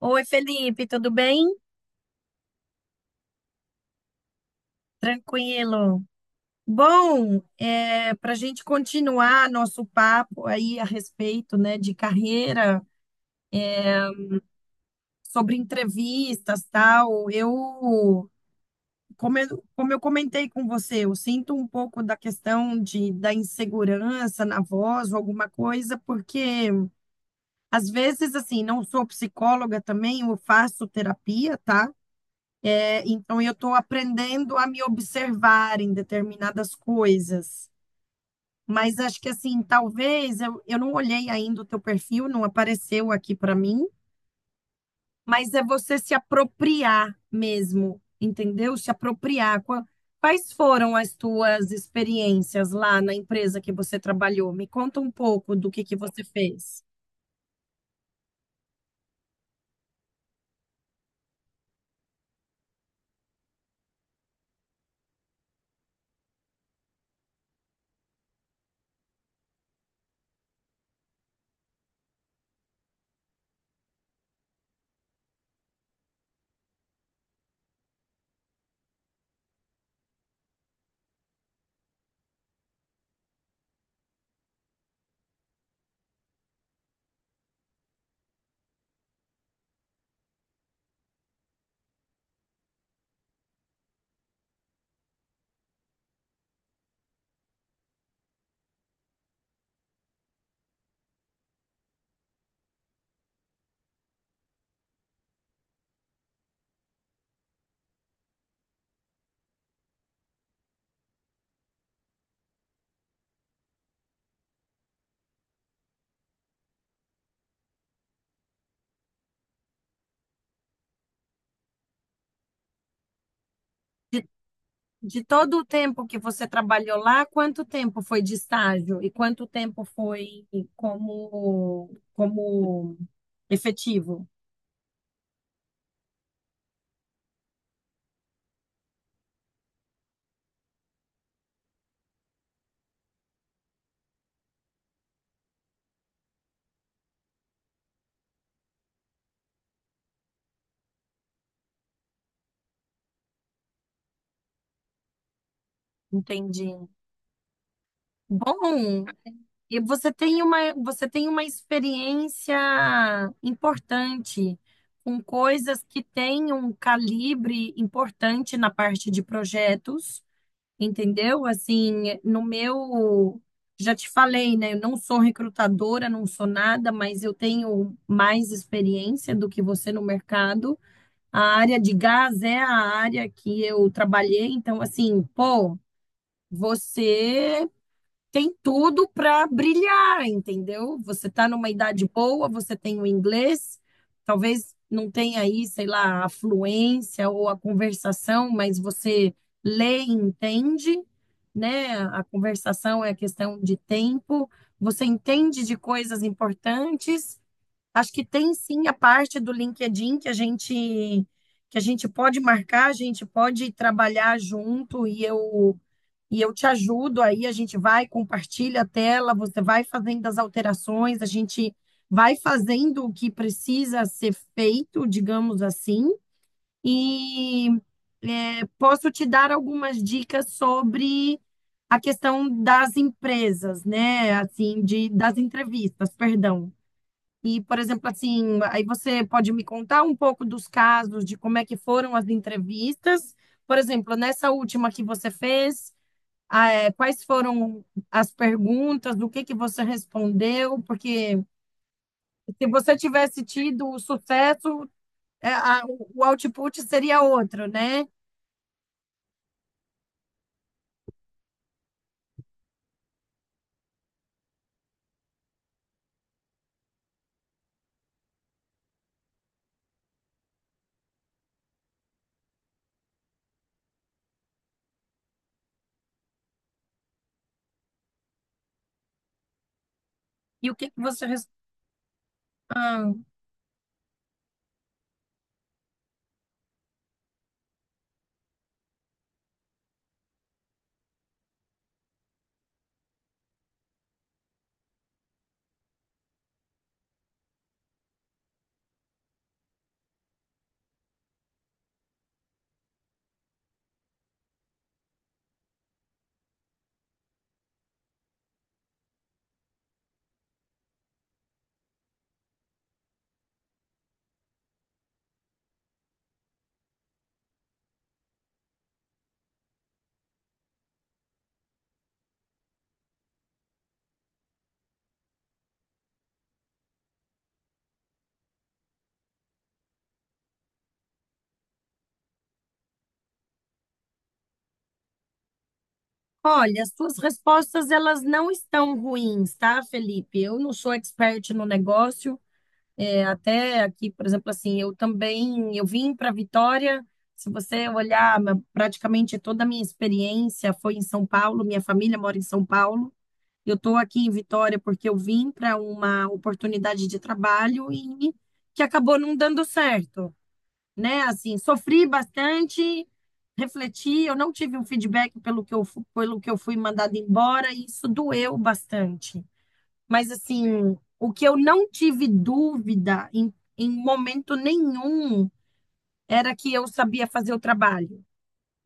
Oi, Felipe, tudo bem? Tranquilo. Bom, para a gente continuar nosso papo aí a respeito, né, de carreira, sobre entrevistas, tal, eu, como eu comentei com você, eu sinto um pouco da questão da insegurança na voz ou alguma coisa, porque às vezes, assim, não sou psicóloga também, eu faço terapia, tá? É, então eu estou aprendendo a me observar em determinadas coisas. Mas acho que assim, talvez eu não olhei ainda o teu perfil, não apareceu aqui para mim, mas é você se apropriar mesmo, entendeu? Se apropriar. Quais foram as tuas experiências lá na empresa que você trabalhou? Me conta um pouco do que você fez. De todo o tempo que você trabalhou lá, quanto tempo foi de estágio e quanto tempo foi como efetivo? Entendi. Bom, e você tem uma experiência importante com coisas que têm um calibre importante na parte de projetos, entendeu? Assim, no meu, já te falei, né? Eu não sou recrutadora, não sou nada, mas eu tenho mais experiência do que você no mercado. A área de gás é a área que eu trabalhei, então, assim, pô, você tem tudo para brilhar, entendeu? Você está numa idade boa, você tem o inglês, talvez não tenha aí, sei lá, a fluência ou a conversação, mas você lê e entende, né? A conversação é questão de tempo, você entende de coisas importantes. Acho que tem sim a parte do LinkedIn que a gente pode marcar, a gente pode trabalhar junto e eu te ajudo aí, a gente vai, compartilha a tela, você vai fazendo as alterações, a gente vai fazendo o que precisa ser feito, digamos assim, e posso te dar algumas dicas sobre a questão das empresas, né? Assim, das entrevistas, perdão. E, por exemplo, assim, aí você pode me contar um pouco dos casos, de como é que foram as entrevistas. Por exemplo, nessa última que você fez, ah, é, quais foram as perguntas, do que você respondeu? Porque se você tivesse tido o sucesso, o output seria outro, né? E o que que você res-? Ah, olha, as suas respostas elas não estão ruins, tá, Felipe? Eu não sou expert no negócio. É, até aqui, por exemplo, assim, eu também, eu vim para Vitória. Se você olhar, praticamente toda a minha experiência foi em São Paulo, minha família mora em São Paulo. Eu estou aqui em Vitória porque eu vim para uma oportunidade de trabalho e que acabou não dando certo, né? Assim, sofri bastante, refleti, eu não tive um feedback pelo que eu fui mandada embora e isso doeu bastante. Mas assim, o que eu não tive dúvida em momento nenhum era que eu sabia fazer o trabalho.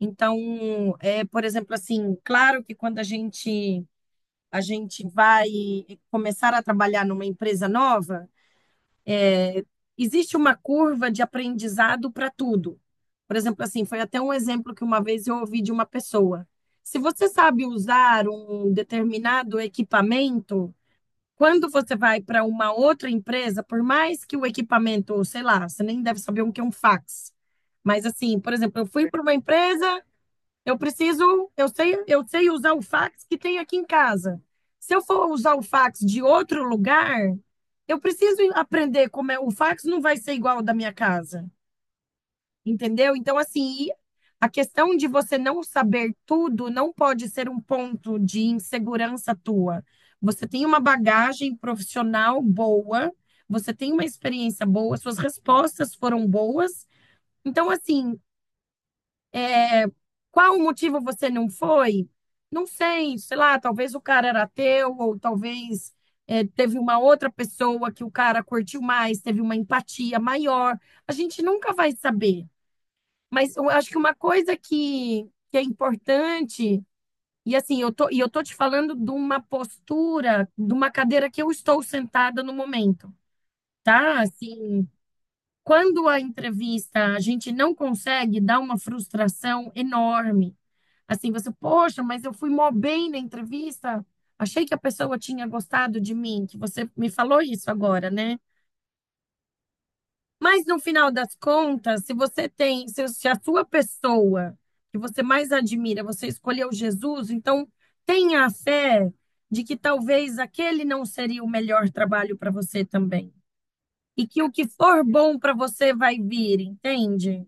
Então, por exemplo, assim, claro que quando a gente vai começar a trabalhar numa empresa nova, existe uma curva de aprendizado para tudo. Por exemplo, assim, foi até um exemplo que uma vez eu ouvi de uma pessoa. Se você sabe usar um determinado equipamento, quando você vai para uma outra empresa, por mais que o equipamento, sei lá, você nem deve saber o que é um fax. Mas assim, por exemplo, eu fui para uma empresa, eu preciso, eu sei usar o fax que tem aqui em casa. Se eu for usar o fax de outro lugar, eu preciso aprender como é. O fax não vai ser igual ao da minha casa. Entendeu? Então, assim, e a questão de você não saber tudo não pode ser um ponto de insegurança tua. Você tem uma bagagem profissional boa, você tem uma experiência boa, suas respostas foram boas. Então, assim, qual o motivo você não foi? Não sei, sei lá, talvez o cara era teu, ou talvez teve uma outra pessoa que o cara curtiu mais, teve uma empatia maior. A gente nunca vai saber. Mas eu acho que uma coisa que é importante, e assim, eu tô te falando de uma postura, de uma cadeira que eu estou sentada no momento, tá? Assim, quando a entrevista a gente não consegue, dá uma frustração enorme. Assim, você, poxa, mas eu fui mó bem na entrevista, achei que a pessoa tinha gostado de mim, que você me falou isso agora, né? Mas no final das contas, se você tem, se a sua pessoa que você mais admira, você escolheu Jesus, então tenha a fé de que talvez aquele não seria o melhor trabalho para você também. E que o que for bom para você vai vir, entende?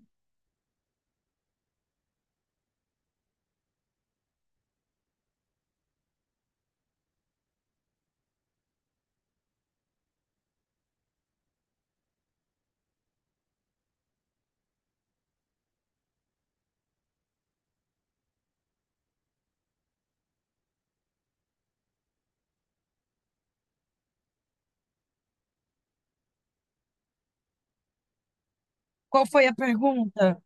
Qual foi a pergunta?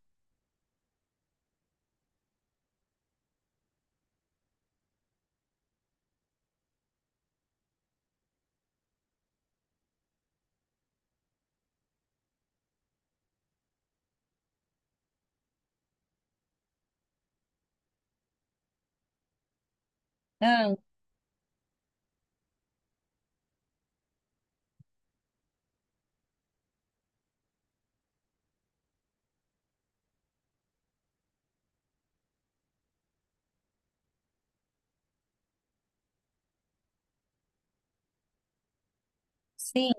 Ah, sim,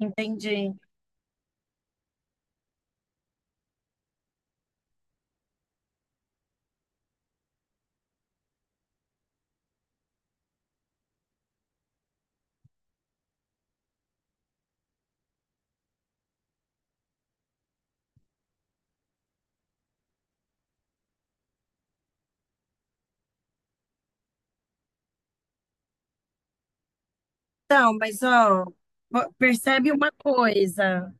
entendi. Então, mas ó, percebe uma coisa.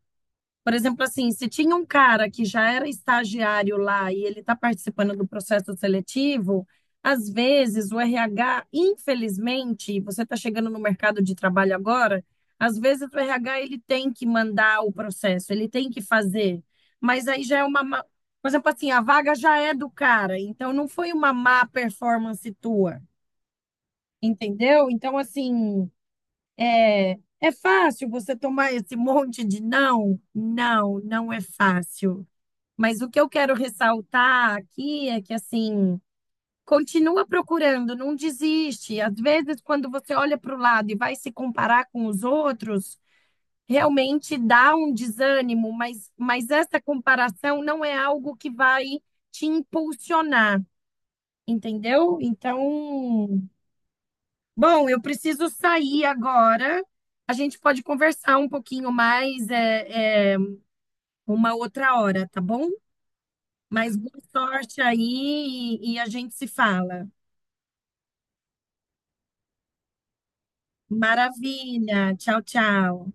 Por exemplo, assim, se tinha um cara que já era estagiário lá e ele está participando do processo seletivo, às vezes o RH, infelizmente, você está chegando no mercado de trabalho agora, às vezes o RH ele tem que mandar o processo, ele tem que fazer. Mas aí já é uma, por exemplo, assim, a vaga já é do cara, então não foi uma má performance tua, entendeu? Então, assim, é fácil você tomar esse monte de não? Não, não é fácil. Mas o que eu quero ressaltar aqui é que, assim, continua procurando, não desiste. Às vezes, quando você olha para o lado e vai se comparar com os outros, realmente dá um desânimo, mas essa comparação não é algo que vai te impulsionar, entendeu? Então. Bom, eu preciso sair agora. A gente pode conversar um pouquinho mais uma outra hora, tá bom? Mas boa sorte aí e a gente se fala. Maravilha. Tchau, tchau.